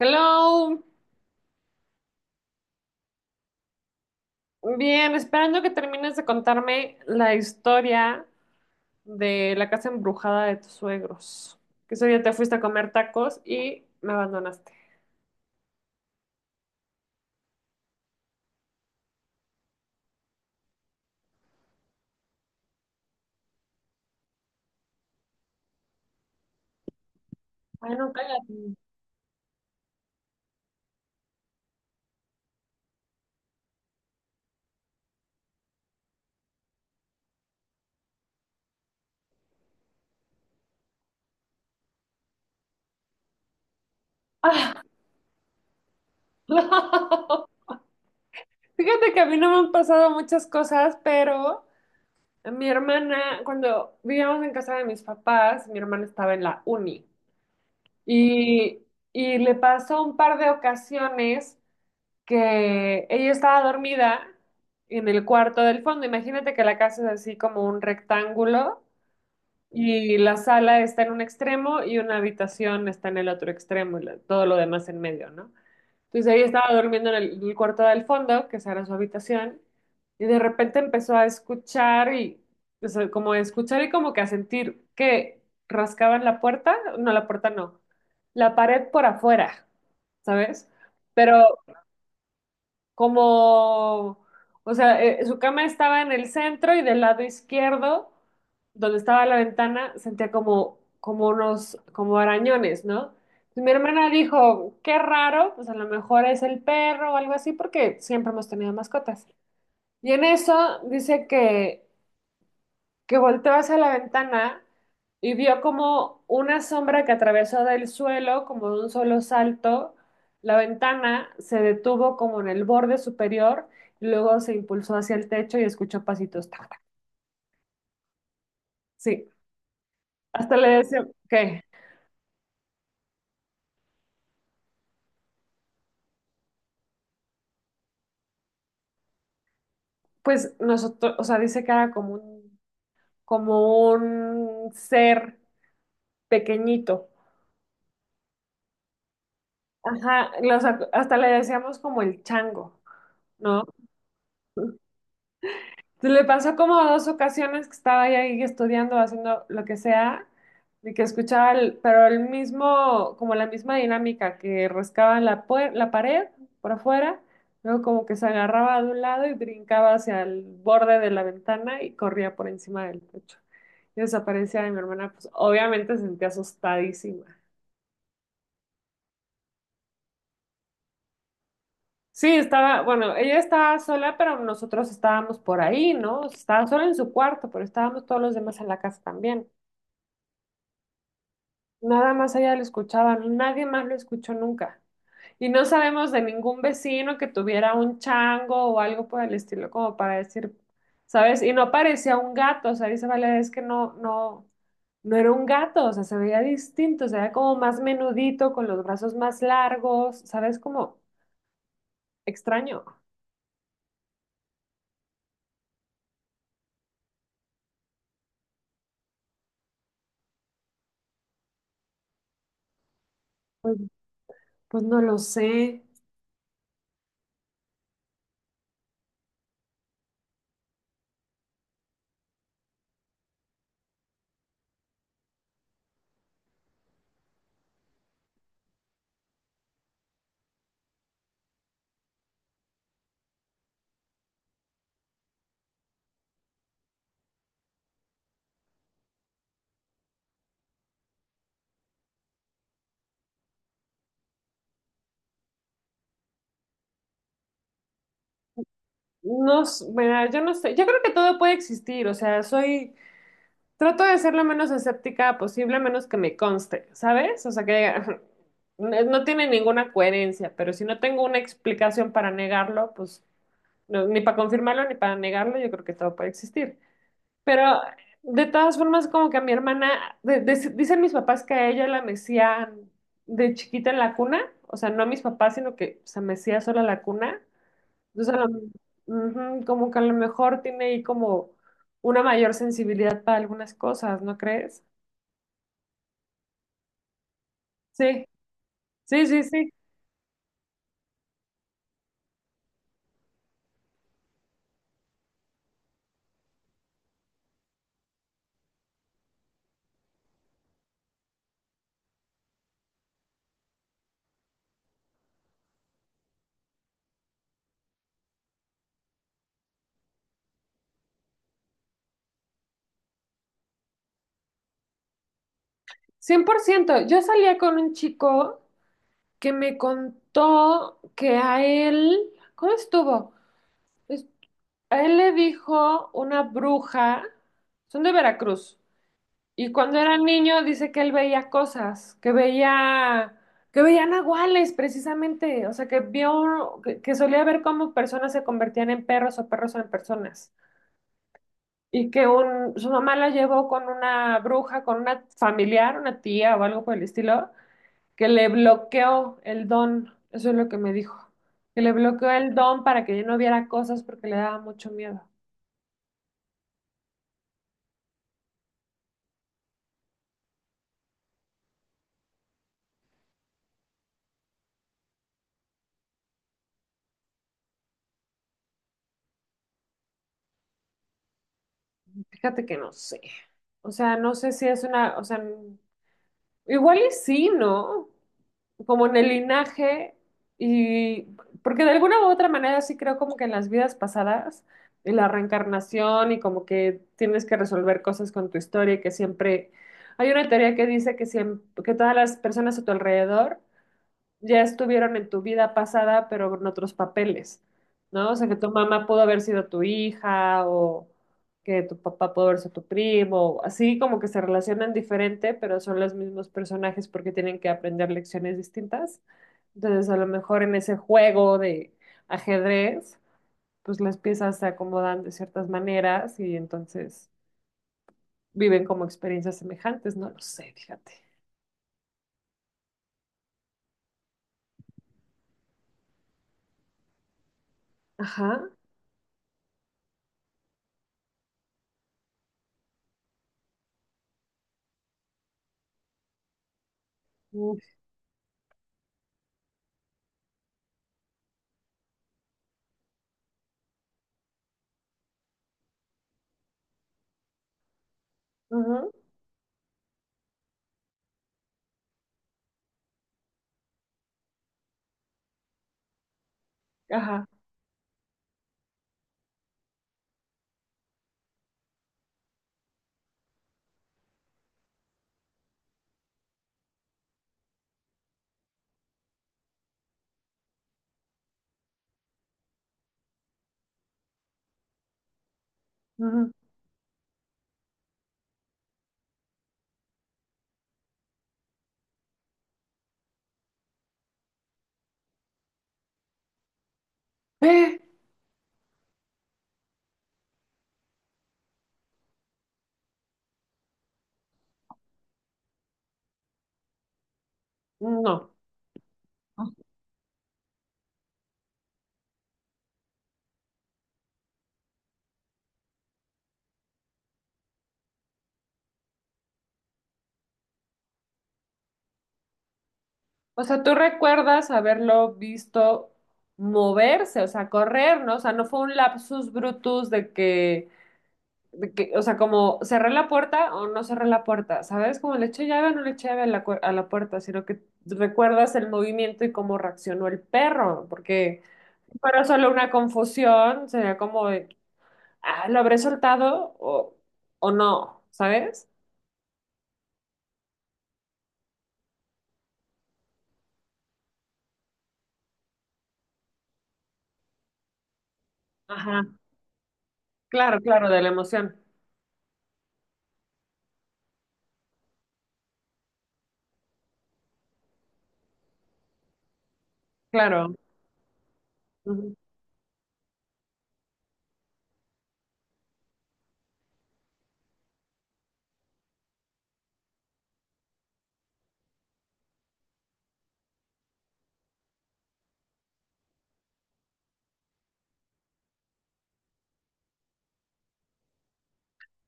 Hello, bien, esperando que termines de contarme la historia de la casa embrujada de tus suegros. Que ese día te fuiste a comer tacos y me abandonaste. Ay, no, cállate. Ah, no. Fíjate que a mí no me han pasado muchas cosas, pero mi hermana, cuando vivíamos en casa de mis papás, mi hermana estaba en la uni y, y le pasó un par de ocasiones que ella estaba dormida en el cuarto del fondo. Imagínate que la casa es así como un rectángulo y la sala está en un extremo y una habitación está en el otro extremo y la- todo lo demás en medio, ¿no? Entonces ella estaba durmiendo en el cuarto del fondo, que esa era su habitación, y de repente empezó a escuchar y, o sea, como a escuchar y como que a sentir que rascaban la puerta, no, la puerta no, la pared por afuera, ¿sabes? Pero como, o sea, su cama estaba en el centro y del lado izquierdo, donde estaba la ventana, sentía como, como unos, como arañones, ¿no? Y mi hermana dijo, qué raro, pues a lo mejor es el perro o algo así, porque siempre hemos tenido mascotas. Y en eso dice que volteó hacia la ventana y vio como una sombra que atravesó del suelo, como de un solo salto. La ventana se detuvo como en el borde superior, y luego se impulsó hacia el techo y escuchó pasitos. Tac, tac. Sí, hasta le decía, ¿qué? Pues nosotros, o sea, dice que era como un ser pequeñito. Ajá, hasta le decíamos como el chango, ¿no? Le pasó como dos ocasiones que estaba ya ahí estudiando, haciendo lo que sea, y que escuchaba, pero el mismo, como la misma dinámica, que rascaba la pared por afuera, luego como que se agarraba de un lado y brincaba hacia el borde de la ventana y corría por encima del techo. Y desaparecía y mi hermana, pues obviamente se sentía asustadísima. Sí, estaba, bueno, ella estaba sola, pero nosotros estábamos por ahí, ¿no? Estaba sola en su cuarto, pero estábamos todos los demás en la casa también. Nada más ella lo escuchaba, nadie más lo escuchó nunca. Y no sabemos de ningún vecino que tuviera un chango o algo por el estilo, como para decir, ¿sabes? Y no parecía un gato, o sea, dice Valeria, es que no, no, no era un gato, o sea, se veía distinto, se veía como más menudito, con los brazos más largos, ¿sabes? Como extraño. Pues, pues no lo sé. No, mira, yo no sé. Yo creo que todo puede existir, o sea, soy trato de ser lo menos escéptica posible, a menos que me conste, ¿sabes? O sea que diga, no no tiene ninguna coherencia, pero si no tengo una explicación para negarlo, pues ni para confirmarlo ni para negarlo, yo creo que todo puede existir. Pero de todas formas, como que a mi hermana, dicen mis papás que a ella la mecían de chiquita en la cuna, o sea, no a mis papás, sino que se mecía sola la cuna. Entonces, ujú, como que a lo mejor tiene ahí como una mayor sensibilidad para algunas cosas, ¿no crees? Sí, sí, sí, sí. 100%. Yo salía con un chico que me contó que a él, ¿cómo estuvo? Es- A él le dijo una bruja, son de Veracruz, y cuando era niño dice que él veía cosas, que veía nahuales precisamente, o sea, que vio, que solía ver cómo personas se convertían en perros o perros en personas. Y que un, su mamá la llevó con una bruja, con una familiar, una tía o algo por el estilo, que le bloqueó el don, eso es lo que me dijo, que le bloqueó el don para que ella no viera cosas porque le daba mucho miedo. Fíjate que no sé, o sea, no sé si es una, o sea, igual y sí, ¿no? Como en el linaje y porque de alguna u otra manera sí creo como que en las vidas pasadas y la reencarnación y como que tienes que resolver cosas con tu historia y que siempre hay una teoría que dice que siempre, que todas las personas a tu alrededor ya estuvieron en tu vida pasada, pero con otros papeles, ¿no? O sea, que tu mamá pudo haber sido tu hija o que tu papá pudo haber sido tu primo, así como que se relacionan diferente, pero son los mismos personajes porque tienen que aprender lecciones distintas. Entonces, a lo mejor en ese juego de ajedrez, pues las piezas se acomodan de ciertas maneras y entonces viven como experiencias semejantes, no lo sé, fíjate. Ajá. Uf. Ujú. Ajá. Ujú. ¡Eh! No. O sea, tú recuerdas haberlo visto moverse, o sea, correr, ¿no? O sea, no fue un lapsus brutus de que, o sea, como cerré la puerta o no cerré la puerta, ¿sabes? Como le eché llave o no le eché llave a la, a la puerta, sino que recuerdas el movimiento y cómo reaccionó el perro, porque si solo una confusión, sería como, de, ah, ¿lo habré soltado o no? ¿Sabes? Ajá. Claro, claro, de la emoción. Claro.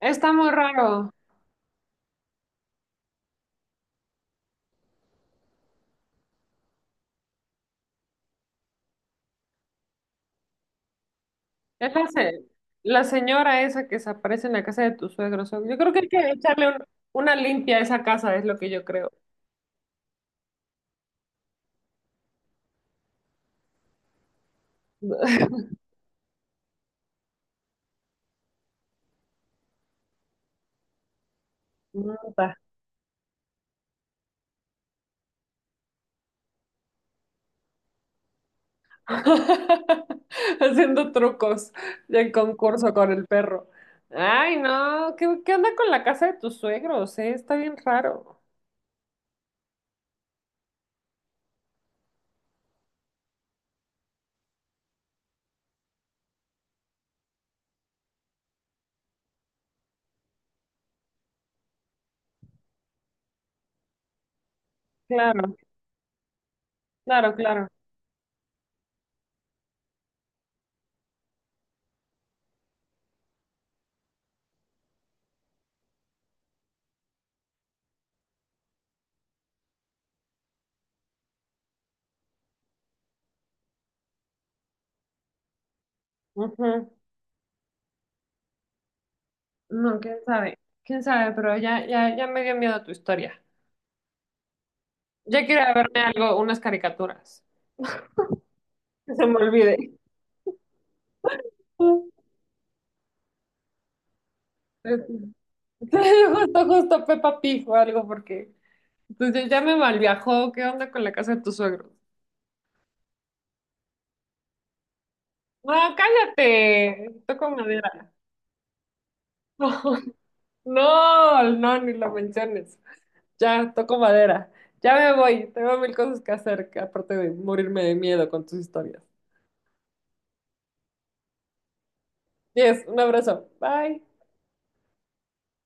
Está muy raro. Es la, se- la señora esa que se aparece en la casa de tu suegro. Yo creo que hay que echarle una limpia a esa casa, es lo que yo creo. Nota. Haciendo trucos del concurso con el perro. Ay, no, ¿qué, qué onda con la casa de tus suegros? ¿Eh? Está bien raro. Claro, claro, claro. Ujú. No, quién sabe, pero ya, ya, ya me dio miedo tu historia. Ya quiero ir a verme algo, unas caricaturas. Que se me olvide. Pues, justo, justo Peppa Pig o algo, porque entonces ya me malviajó. ¿Qué onda con la casa de tus suegros? No, cállate, toco madera. No, no, ni lo menciones. Ya, toco madera. Ya me voy, tengo mil cosas que hacer, que aparte de morirme de miedo con tus historias. Yes, un abrazo. Bye.